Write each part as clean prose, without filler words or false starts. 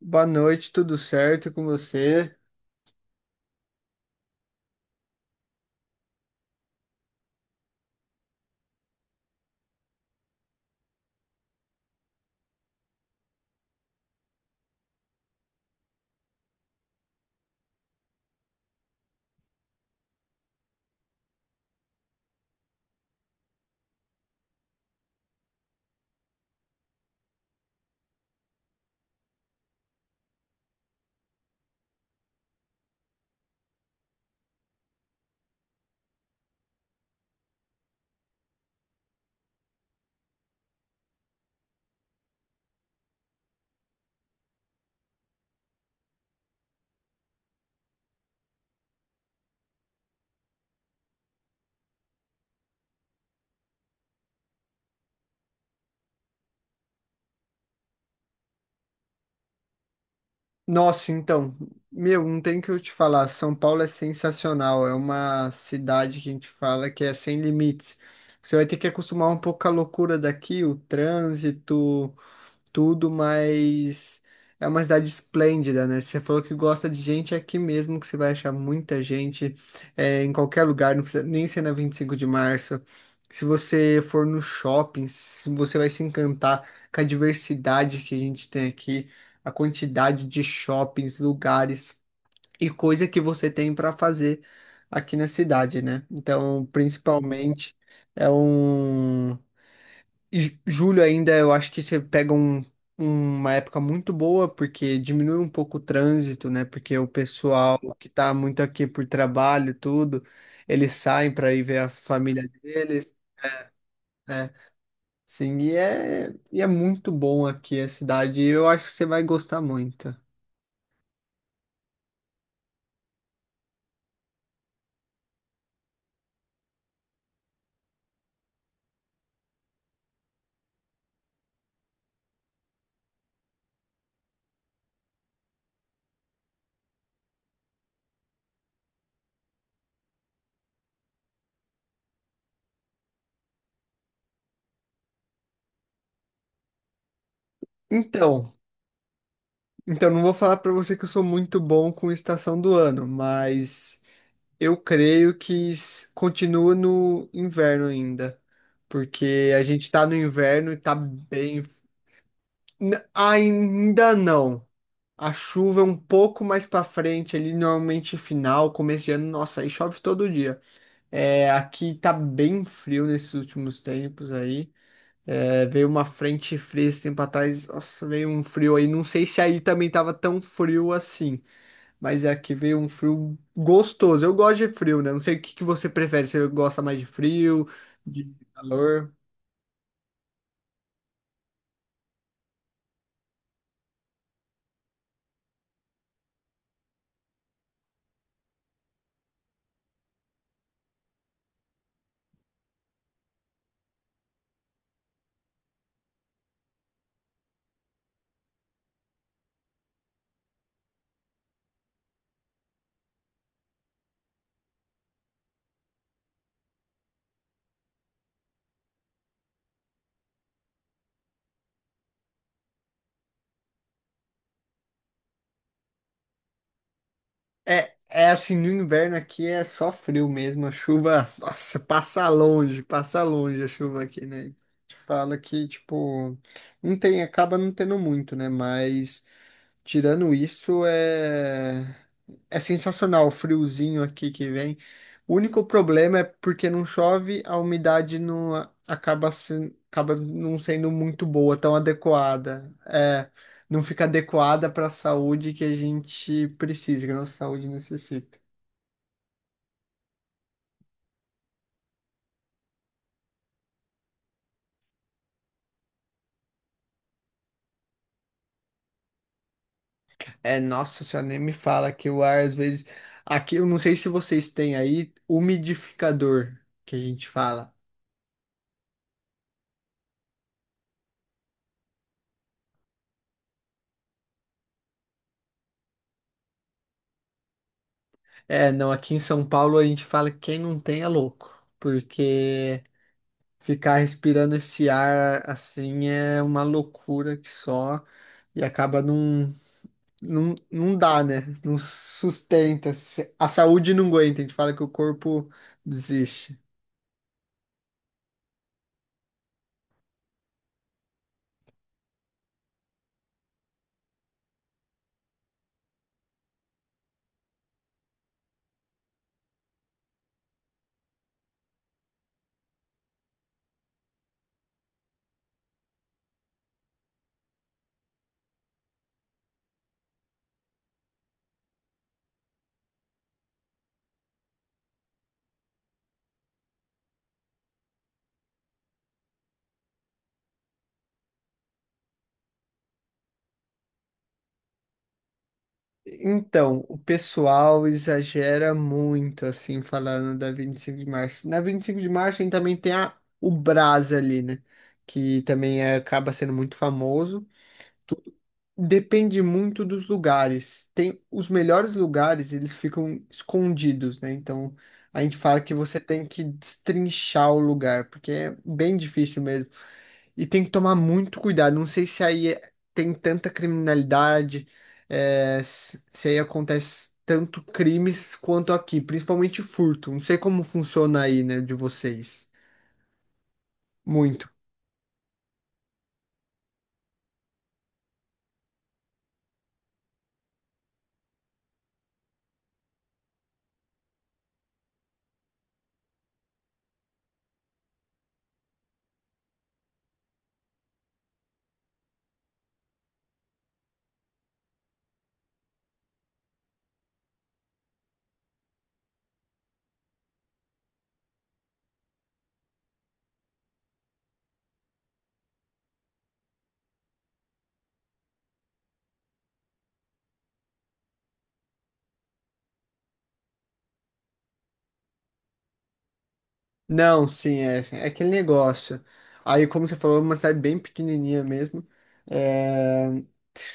Boa noite, tudo certo com você? Nossa, então, meu, não tem o que eu te falar. São Paulo é sensacional. É uma cidade que a gente fala que é sem limites. Você vai ter que acostumar um pouco com a loucura daqui, o trânsito, tudo, mas é uma cidade esplêndida, né? Se você falou que gosta de gente, é aqui mesmo que você vai achar muita gente, é, em qualquer lugar, não precisa nem ser na 25 de Março. Se você for no shopping, você vai se encantar com a diversidade que a gente tem aqui, a quantidade de shoppings, lugares e coisa que você tem para fazer aqui na cidade, né? Então, principalmente, é um. E julho ainda, eu acho que você pega um, uma época muito boa, porque diminui um pouco o trânsito, né? Porque o pessoal que tá muito aqui por trabalho, e tudo, eles saem para ir ver a família deles, né? Sim, e é muito bom aqui a cidade, e eu acho que você vai gostar muito. Então, então não vou falar para você que eu sou muito bom com estação do ano, mas eu creio que continua no inverno ainda, porque a gente tá no inverno e tá bem. Ainda não. A chuva é um pouco mais pra frente, ali normalmente final, começo de ano, nossa, aí chove todo dia. É, aqui tá bem frio nesses últimos tempos aí. É, veio uma frente fria esse tempo atrás, nossa, veio um frio aí. Não sei se aí também tava tão frio assim. Mas é aqui veio um frio gostoso. Eu gosto de frio, né? Não sei o que que você prefere. Você gosta mais de frio, de calor? É, é assim, no inverno aqui é só frio mesmo. A chuva, nossa, passa longe a chuva aqui, né? Te fala que, tipo, não tem, acaba não tendo muito, né? Mas tirando isso, é... é sensacional o friozinho aqui que vem. O único problema é porque não chove, a umidade não acaba, acaba não sendo muito boa, tão adequada. É, não fica adequada para a saúde que a gente precisa, que a nossa saúde necessita. É, nossa senhora, nem me fala que o ar às vezes. Aqui, eu não sei se vocês têm aí umidificador, que a gente fala. É, não, aqui em São Paulo a gente fala que quem não tem é louco, porque ficar respirando esse ar assim é uma loucura que só e acaba não, não, não dá, né? Não sustenta, a saúde não aguenta, a gente fala que o corpo desiste. Então, o pessoal exagera muito, assim, falando da 25 de Março. Na 25 de março a gente também tem a, o Brás ali, né? Que também acaba sendo muito famoso. Tudo depende muito dos lugares. Tem os melhores lugares, eles ficam escondidos, né? Então a gente fala que você tem que destrinchar o lugar, porque é bem difícil mesmo. E tem que tomar muito cuidado. Não sei se aí tem tanta criminalidade, é, se aí acontece tanto crimes quanto aqui, principalmente furto. Não sei como funciona aí, né, de vocês. Muito. Não, sim, é, é aquele negócio. Aí, como você falou, é uma cidade bem pequenininha mesmo. É...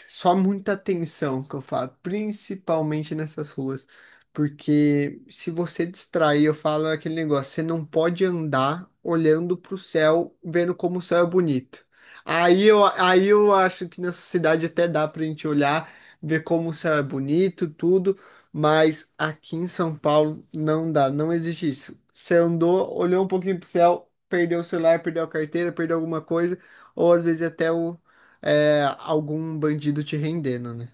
só muita atenção que eu falo, principalmente nessas ruas. Porque se você distrair, eu falo aquele negócio, você não pode andar olhando pro céu, vendo como o céu é bonito. Aí eu acho que nessa cidade até dá pra gente olhar, ver como o céu é bonito, tudo. Mas aqui em São Paulo não dá, não existe isso. Você andou, olhou um pouquinho pro céu, perdeu o celular, perdeu a carteira, perdeu alguma coisa, ou às vezes até o, é, algum bandido te rendendo, né?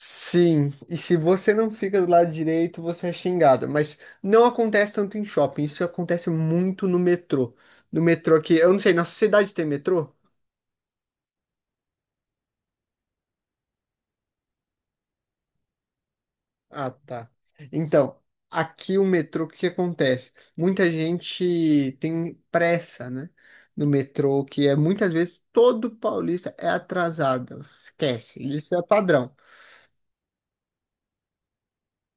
Sim, e se você não fica do lado direito, você é xingado. Mas não acontece tanto em shopping, isso acontece muito no metrô. No metrô aqui, eu não sei, na sociedade tem metrô? Ah, tá. Então, aqui o metrô, o que que acontece? Muita gente tem pressa, né? No metrô, que é muitas vezes todo paulista é atrasado. Esquece, isso é padrão.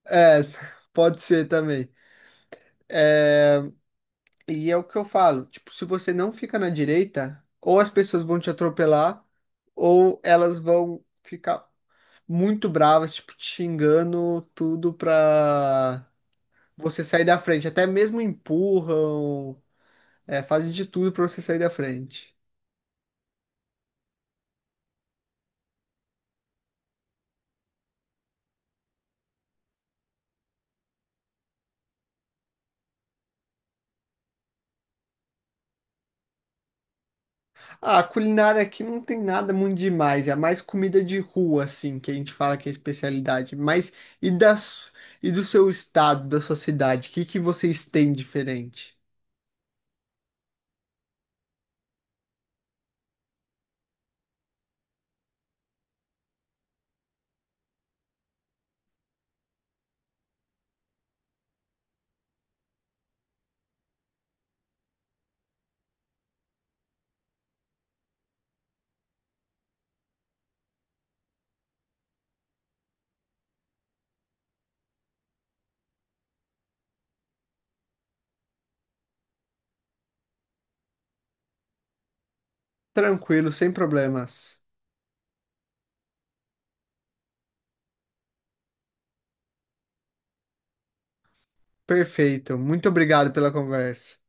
É, pode ser também. E é o que eu falo, tipo, se você não fica na direita, ou as pessoas vão te atropelar, ou elas vão ficar muito bravas, tipo, te xingando tudo pra você sair da frente. Até mesmo empurram. É, fazem de tudo pra você sair da frente. Ah, a culinária aqui não tem nada muito demais. É mais comida de rua, assim, que a gente fala que é especialidade. Mas e das, e do seu estado, da sua cidade? O que que vocês têm diferente? Tranquilo, sem problemas. Perfeito. Muito obrigado pela conversa.